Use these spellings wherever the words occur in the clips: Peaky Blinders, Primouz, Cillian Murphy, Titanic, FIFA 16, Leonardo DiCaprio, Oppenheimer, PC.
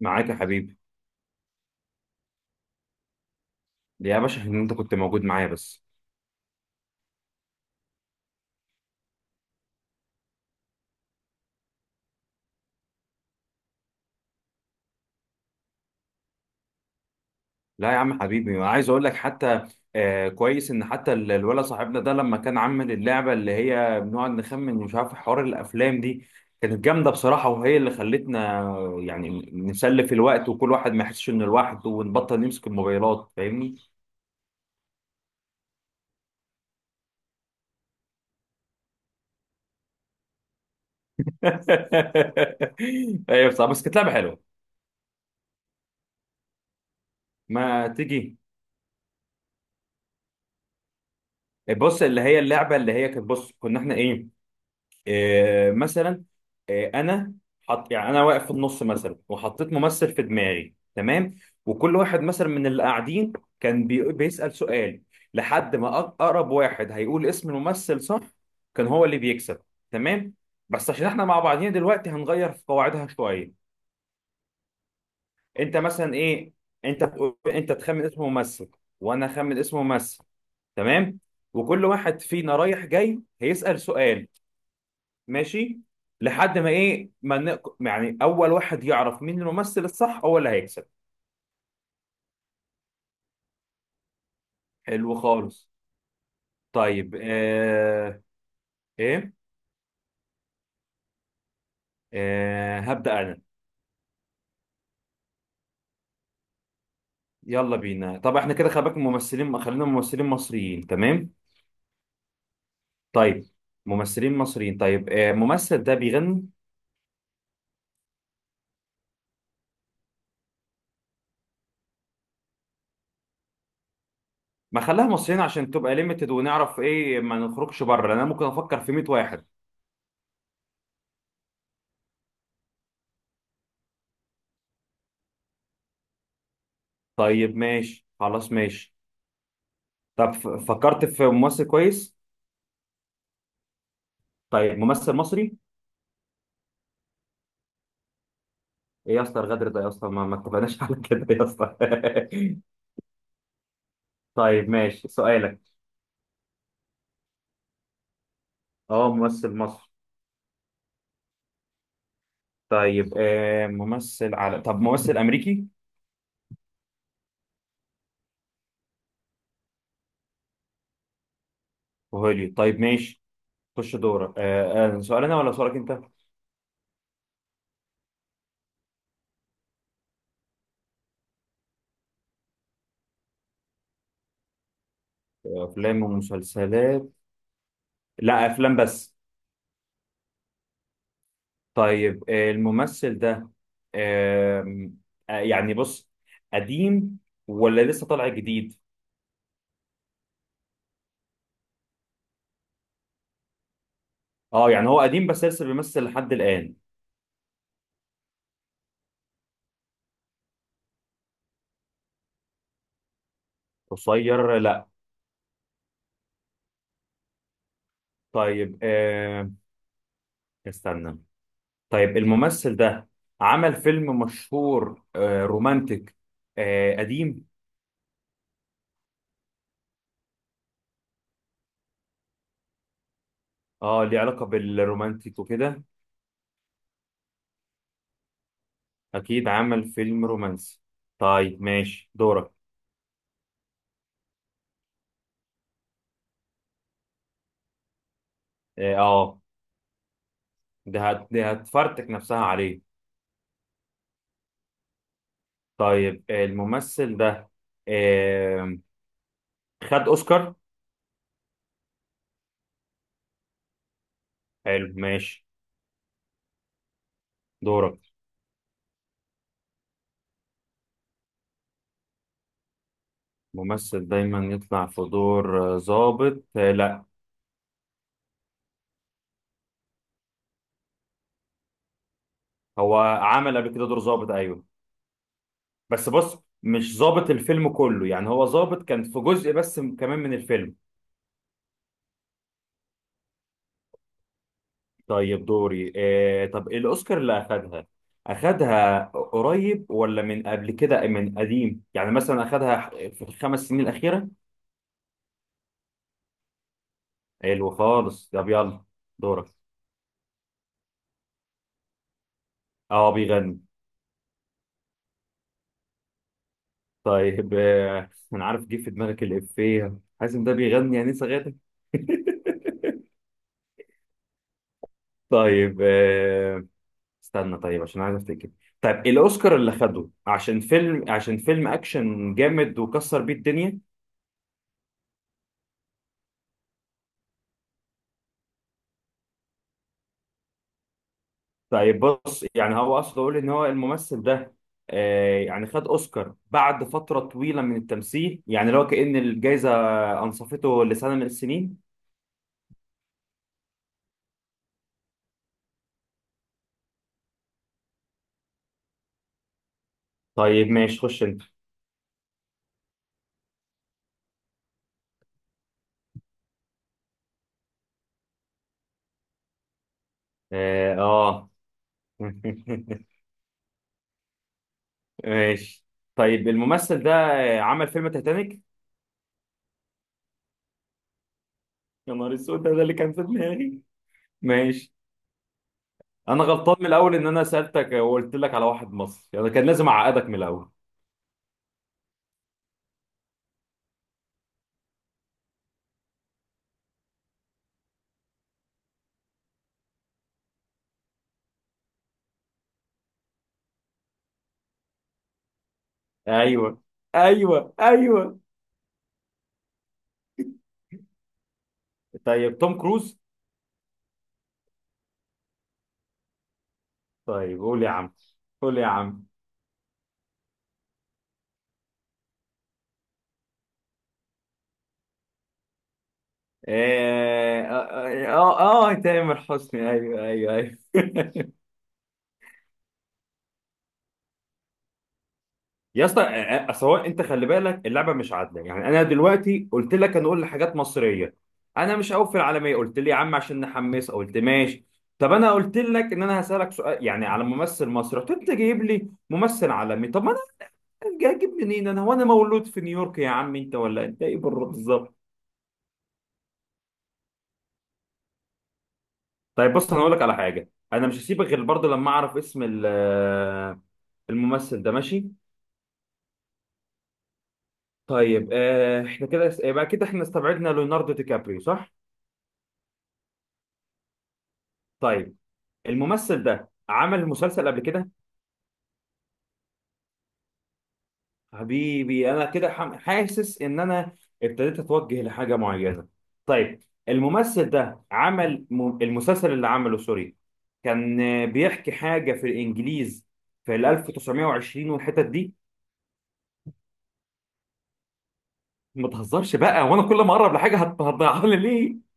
معاك يا حبيبي. يا باشا ان انت كنت موجود معايا بس. لا يا عم حبيبي، أنا عايز اقول لك حتى. كويس ان حتى الولد صاحبنا ده لما كان عامل اللعبه اللي هي بنقعد نخمن، مش عارف، حوار الافلام دي كانت جامده بصراحه، وهي اللي خلتنا يعني نسلف الوقت وكل واحد ما يحسش انه لوحده ونبطل نمسك الموبايلات، فاهمني؟ ايوه، بصراحه بس كانت لعبه حلوه. ما تيجي. بص، اللي هي اللعبه اللي هي كانت، بص كنا احنا ايه. مثلا. انا. حط يعني انا واقف في النص مثلا وحطيت ممثل في دماغي، تمام. وكل واحد مثلا من اللي قاعدين كان بيسأل سؤال. لحد ما اقرب واحد هيقول اسم الممثل صح كان هو اللي بيكسب. تمام. بس عشان احنا مع بعضينا دلوقتي هنغير في قواعدها شوية. انت مثلا ايه. انت تقول انت تخمن اسم ممثل، وانا اخمن اسم ممثل، تمام. وكل واحد فينا رايح جاي هيسأل سؤال. ماشي. لحد ما ايه ما ن- يعني اول واحد يعرف مين الممثل الصح هو اللي هيكسب. حلو خالص. طيب ايه. هبدأ انا. يلا بينا. طب احنا كده خلي بالك ممثلين، خلينا ممثلين مصريين، تمام. طيب. ممثلين مصريين، طيب الممثل ده بيغني. ما خلاها مصريين عشان تبقى ليميتد ونعرف ايه، ما نخرجش بره، لان انا ممكن افكر في 100 واحد. طيب ماشي خلاص ماشي. طب فكرت في ممثل كويس. طيب ممثل مصري. ايه يا اسطى، الغدر ده يا اسطى، ما اتفقناش على كده يا اسطى طيب ماشي سؤالك. اه ممثل مصري. طيب ممثل على طب ممثل امريكي. وهوليود طيب ماشي. خش دورك. سؤال انا ولا سؤالك انت؟ افلام ومسلسلات. لا افلام بس. طيب الممثل ده آم، يعني بص، قديم ولا لسه طالع جديد؟ اه يعني هو قديم بس لسه بيمثل لحد الان. قصير لا. طيب استنى. طيب الممثل ده عمل فيلم مشهور رومانتك، قديم. اه ليه علاقة بالرومانتك وكده. اكيد عمل فيلم رومانسي. طيب ماشي دورك. اه ده هتفرتك نفسها عليه. طيب الممثل ده آه، خد اوسكار. حلو ماشي. دورك. ممثل دايما يطلع في دور ظابط لا. هو عمل قبل كده دور ظابط ايوه. بس بص مش ظابط الفيلم كله يعني هو ظابط كان في جزء بس كمان من الفيلم. طيب دوري طب الأوسكار اللي أخدها. أخدها قريب ولا من قبل كده من قديم؟ يعني مثلا أخدها في الخمس سنين الأخيرة. حلو خالص طب يلا. دورك. اه بيغني. طيب أنا عارف جه في دماغك الإفيه، حازم ده بيغني يعني صغير. طيب استنى طيب عشان عايز افتكر. طيب الاوسكار اللي خده عشان فيلم اكشن جامد وكسر بيه الدنيا. طيب بص يعني هو اقصد اقول ان هو الممثل ده يعني خد اوسكار بعد فتره طويله من التمثيل، يعني لو كأن الجائزه انصفته لسنه من السنين. طيب ماشي خش انت. اه، آه. ماشي. طيب الممثل ده عمل فيلم تايتانيك. يا نهار اسود، ده اللي كان في دماغي. ماشي. انا غلطان من الاول، ان انا سالتك وقلت لك على واحد مصري، انا كان لازم اعقدك من الاول. ايوه ايوه ايوه. طيب توم كروز. طيب قول يا عم. قول يا عم. اه اه اه، آه، آه، تامر حسني، ايوه ايوه ايوه يا اسطى سواء انت خلي بالك اللعبه مش عادله، يعني انا دلوقتي قلت لك هنقول حاجات مصريه. انا مش هقول في العالميه، قلت لي يا عم عشان نحمس قلت ماشي. طب انا قلت لك ان انا هسالك سؤال يعني على ممثل مصري، رحت انت جايب لي ممثل عالمي. طب ما هجيب منين انا؟ هو انا مولود في نيويورك يا عم انت ولا انت ايه بالظبط؟ طيب بص انا هقول لك على حاجه، انا مش هسيبك غير برضه لما اعرف اسم الممثل ده، ماشي. طيب احنا كده يبقى كده احنا استبعدنا ليوناردو دي كابريو صح. طيب. الممثل ده عمل مسلسل قبل كده. حبيبي انا كده حاسس ان انا ابتديت اتوجه لحاجه معينه. طيب الممثل ده عمل المسلسل اللي عمله سوري كان بيحكي حاجه في الانجليز في ال 1920 والحتت دي. ما تهزرش بقى وانا كل ما اقرب لحاجه هتضيعها لي ليه؟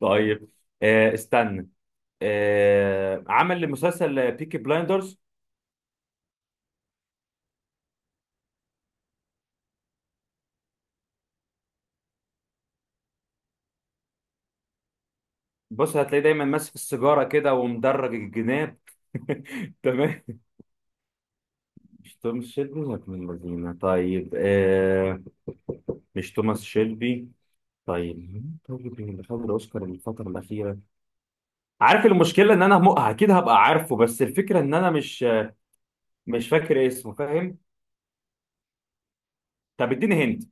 طيب استنى. عمل مسلسل بيكي بلايندرز؟ بص هتلاقيه دايما ماسك السيجاره كده ومدرج الجناب. تمام. مش توماس شيلبي ولا ابن الذين؟ طيب مش توماس شيلبي. طيب مين؟ طيب اللي خد الاوسكار الفتره الاخيره. عارف المشكله ان انا اكيد هبقى عارفه، بس الفكره ان انا مش فاكر اسمه، فاهم. طب اديني هنت.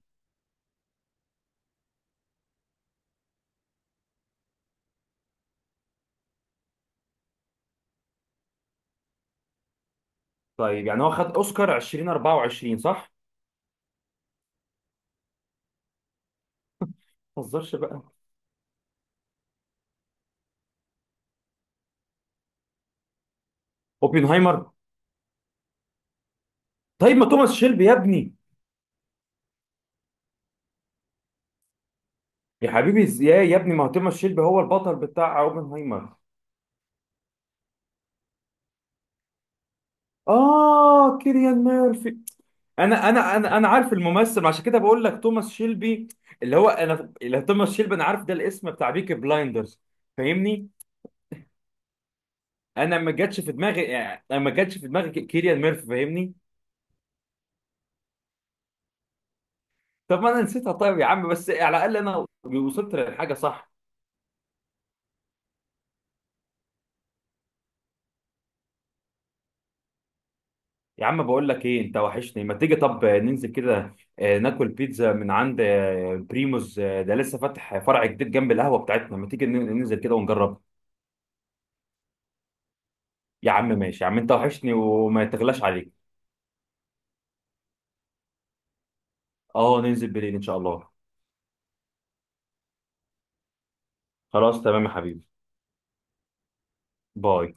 طيب يعني هو خد اوسكار 2024 صح؟ ما تهزرش بقى. اوبنهايمر. طيب ما توماس شيلبي يا ابني. يا حبيبي، ازاي يا ابني، ما هو توماس شيلبي هو البطل بتاع اوبنهايمر. اه كيليان ميرفي. انا عارف الممثل، عشان كده بقول لك توماس شيلبي. اللي هو انا اللي توماس شيلبي، انا عارف ده الاسم بتاع بيكي بلايندرز، فاهمني. انا ما جاتش في دماغي، يعني أنا ما جاتش في دماغي كيليان ميرفي، فاهمني؟ طب ما انا نسيتها، طيب يا عم بس على الاقل انا وصلت للحاجه صح. يا عم بقول لك ايه، انت وحشني. ما تيجي طب ننزل كده ناكل بيتزا من عند بريموز، ده لسه فاتح فرع جديد جنب القهوه بتاعتنا. ما تيجي ننزل كده ونجرب؟ يا عم ماشي يا عم، انت وحشني وما تغلاش عليك. اه ننزل بالليل ان شاء الله. خلاص تمام يا حبيبي. باي.